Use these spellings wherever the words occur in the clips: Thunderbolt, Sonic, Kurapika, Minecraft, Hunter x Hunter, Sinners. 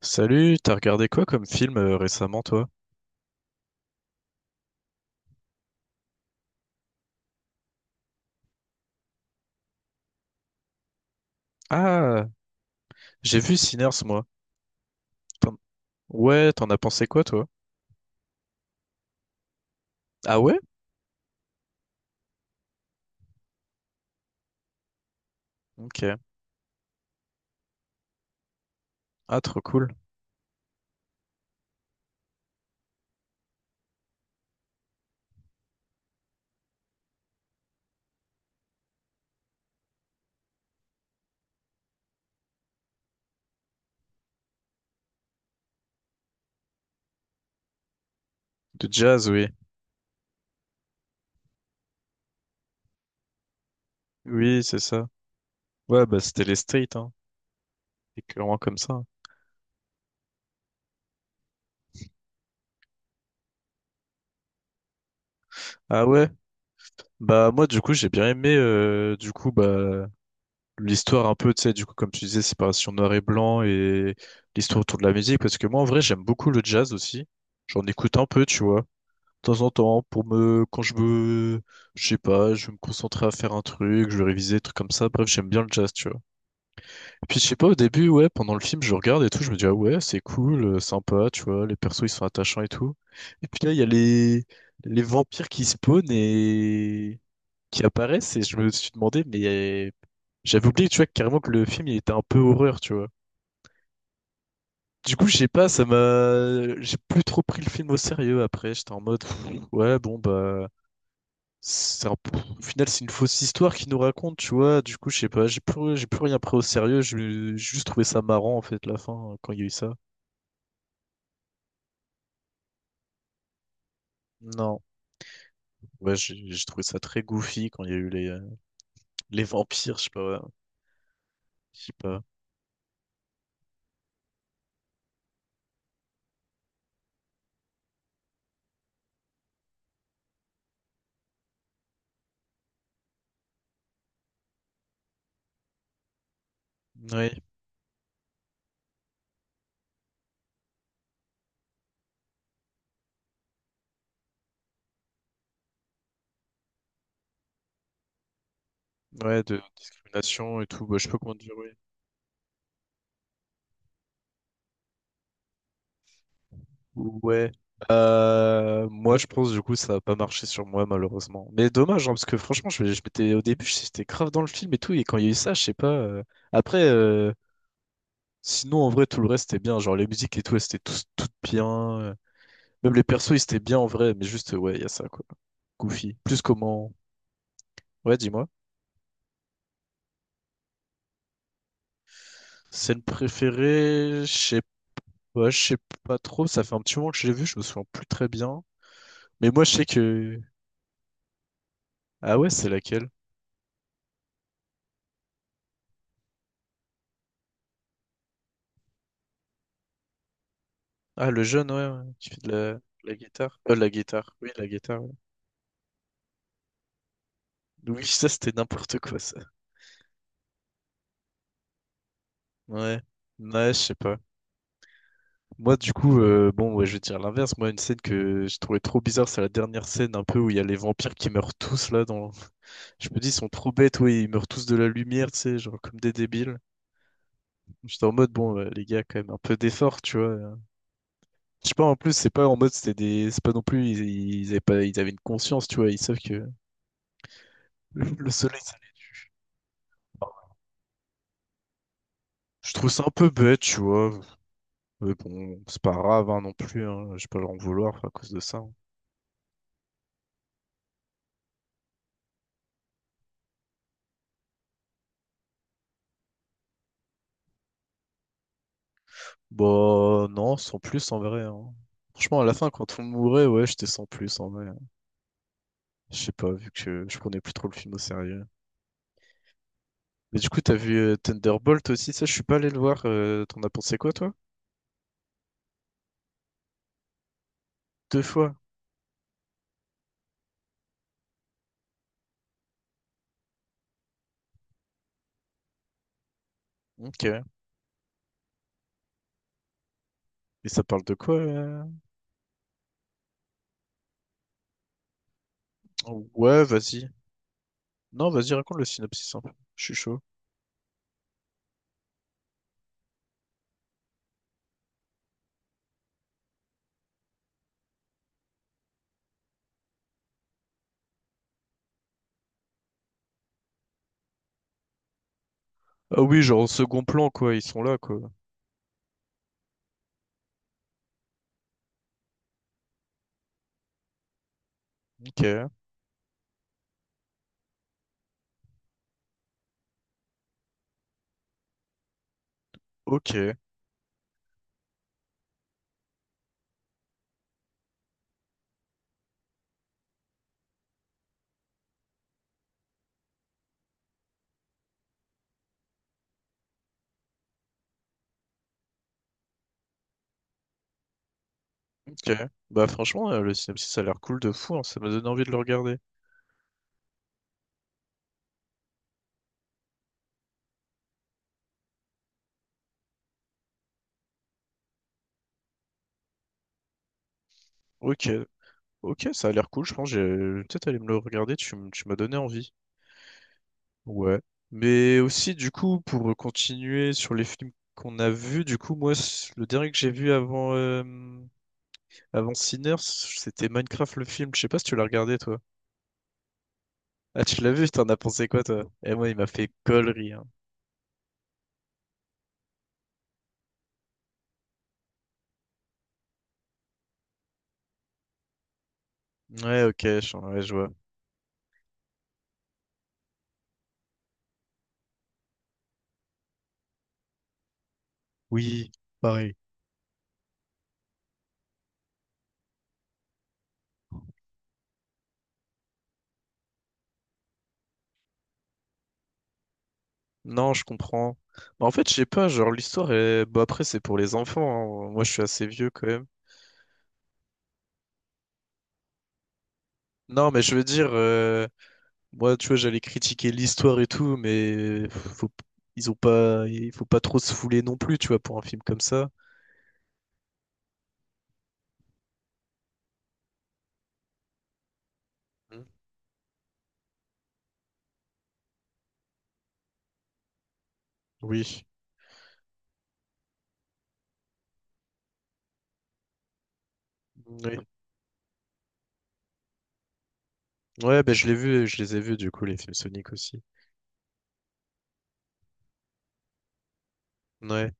Salut, t'as regardé quoi comme film récemment, toi? Ah, j'ai vu Sinners, moi. T'en- Ouais, t'en as pensé quoi, toi? Ah ouais? Ok. Ah, trop cool. De jazz, oui. Oui, c'est ça. Ouais, bah c'était les streets, hein. C'est clairement comme ça. Ah ouais? Bah moi, du coup, j'ai bien aimé, du coup, bah l'histoire un peu, tu sais, du coup, comme tu disais, séparation noir et blanc et l'histoire autour de la musique, parce que moi, en vrai, j'aime beaucoup le jazz aussi. J'en écoute un peu, tu vois, de temps en temps pour me quand je me je sais pas, je vais me concentrer à faire un truc, je vais réviser des trucs comme ça, bref, j'aime bien le jazz, tu vois, et puis je sais pas, au début, ouais, pendant le film, je regarde et tout, je me dis ah ouais c'est cool, sympa, tu vois, les persos ils sont attachants et tout, et puis là il y a les vampires qui spawnent et qui apparaissent, et je me suis demandé mais j'avais oublié, tu vois, carrément que le film il était un peu horreur, tu vois. Du coup, je sais pas, ça m'a. J'ai plus trop pris le film au sérieux après. J'étais en mode, pff, ouais, bon, bah, au final, c'est une fausse histoire qu'il nous raconte, tu vois. Du coup, je sais pas, j'ai plus rien pris au sérieux. J'ai juste trouvé ça marrant, en fait, la fin, hein, quand il y a eu ça. Non. Ouais, j'ai trouvé ça très goofy quand il y a eu les vampires, je sais pas. Ouais. Je sais pas. Ouais, ouais, de discrimination et tout. Bah, je sais pas comment dire, ouais. Ouais. Moi, je pense, du coup, ça a pas marché sur moi, malheureusement. Mais dommage, hein, parce que franchement, je m'étais, au début, j'étais grave dans le film et tout. Et quand il y a eu ça, je sais pas. Après. Sinon, en vrai, tout le reste était bien. Genre, les musiques et tout, elles étaient toutes bien. Même les persos, ils étaient bien en vrai. Mais juste, ouais, il y a ça, quoi. Goofy. Plus comment. Ouais, dis-moi. Scène préférée, je sais pas trop. Ça fait un petit moment que je l'ai vu, je me souviens plus très bien. Mais moi, je sais que. Ah ouais, c'est laquelle? Ah, le jeune, ouais, ouais, qui fait de la, la guitare. Ouais. Oui, ça, c'était n'importe quoi, ça. Ouais. Ouais, je sais pas. Moi, du coup, bon, ouais, je vais dire l'inverse. Moi, une scène que je trouvais trop bizarre, c'est la dernière scène un peu où il y a les vampires qui meurent tous là. Dans... Je me dis, ils sont trop bêtes, ouais, ils meurent tous de la lumière, tu sais, genre comme des débiles. J'étais en mode, bon, les gars, quand même, un peu d'effort, tu vois. Je sais pas, en plus, c'est pas en mode, c'était des. C'est pas non plus, ils avaient pas... ils avaient une conscience, tu vois, ils savent que le soleil, ça les tue. Je trouve ça un peu bête, tu vois. Mais bon, c'est pas grave, hein, non plus, hein. Je vais pas leur en vouloir à cause de ça, hein. Bah non, sans plus en vrai, hein. Franchement, à la fin, quand on mourait, ouais, j'étais sans plus en vrai. Je sais pas, vu que je prenais plus trop le film au sérieux. Mais du coup, t'as vu Thunderbolt aussi, ça, je suis pas allé le voir. T'en as pensé quoi, toi? Deux fois. Ok. Et ça parle de quoi? Ouais, vas-y. Non, vas-y, raconte le synopsis un peu. Je suis chaud. Ah oui, genre au second plan, quoi, ils sont là, quoi. Ok, ok, ok. Bah franchement, le synopsis, ça a l'air cool de fou, hein, ça m'a donné envie de le regarder. Ok, ok, ça a l'air cool, je pense. J'ai peut-être aller me le regarder, tu m'as donné envie. Ouais. Mais aussi, du coup, pour continuer sur les films qu'on a vus, du coup, moi, le dernier que j'ai vu avant, avant Sinners, c'était Minecraft le film. Je sais pas si tu l'as regardé, toi. Ah, tu l'as vu, t'en as pensé quoi, toi? Eh, moi, il m'a fait gollerie, hein. Ouais, ok, ouais, je vois. Oui, pareil. Non, je comprends. Bah, en fait, je sais pas, genre, l'histoire est... Bah, après, c'est pour les enfants, hein. Moi, je suis assez vieux quand même. Non, mais je veux dire, moi, tu vois, j'allais critiquer l'histoire et tout, ils ont pas, il faut pas trop se fouler non plus, tu vois, pour un film comme ça. Mhm. Oui. Oui. Ouais, ben je l'ai vu, je les ai vus du coup, les films Sonic aussi. Ouais.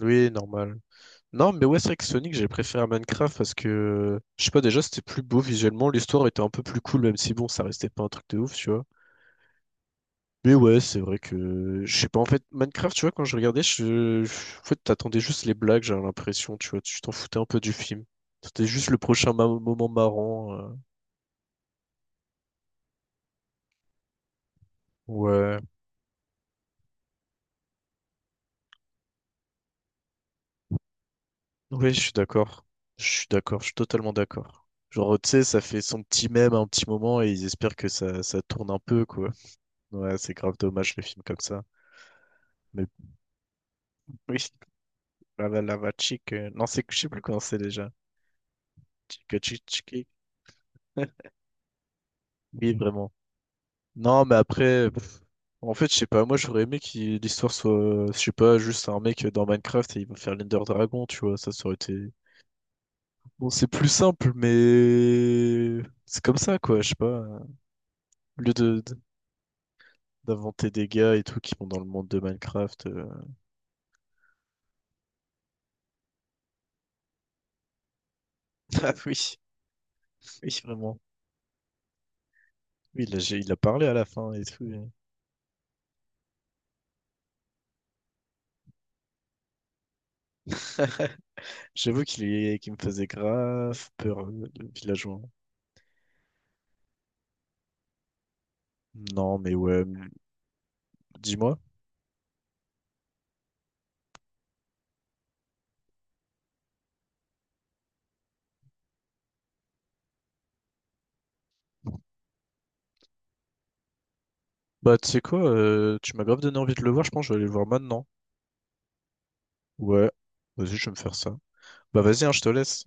Oui, normal. Non, mais ouais, c'est vrai que Sonic, j'ai préféré à Minecraft parce que, je sais pas, déjà, c'était plus beau visuellement, l'histoire était un peu plus cool, même si bon, ça restait pas un truc de ouf, tu vois. Mais ouais, c'est vrai que je sais pas en fait Minecraft, tu vois quand je regardais, je en fait t'attendais juste les blagues, j'avais l'impression, tu vois, tu t'en foutais un peu du film. C'était juste le prochain moment marrant. Ouais. Ouais, je suis d'accord. Je suis d'accord, je suis totalement d'accord. Genre tu sais, ça fait son petit mème à un petit moment et ils espèrent que ça tourne un peu quoi. Ouais, c'est grave dommage le film comme ça. Mais oui, lava chick. Non, c'est je sais plus comment c'est déjà. Chica chick chick. Oui, vraiment. Non, mais après. En fait, je sais pas, moi j'aurais aimé que l'histoire soit, je sais pas, juste un mec dans Minecraft et il va faire l'Ender Dragon, tu vois, ça aurait été... Bon, c'est plus simple, mais c'est comme ça, quoi, je sais pas. Au lieu d'inventer des gars et tout qui vont dans le monde de Minecraft... Ah oui, oui, vraiment. Oui, il a parlé à la fin et tout. Et j'avoue qu'il est, qu'il me faisait grave peur, le villageois. Non, mais ouais, m- Dis-moi. Bah, tu sais quoi, tu m'as grave donné envie de le voir, je pense que je vais aller le voir maintenant. Ouais, vas-y, je vais me faire ça. Bah vas-y, hein, je te laisse.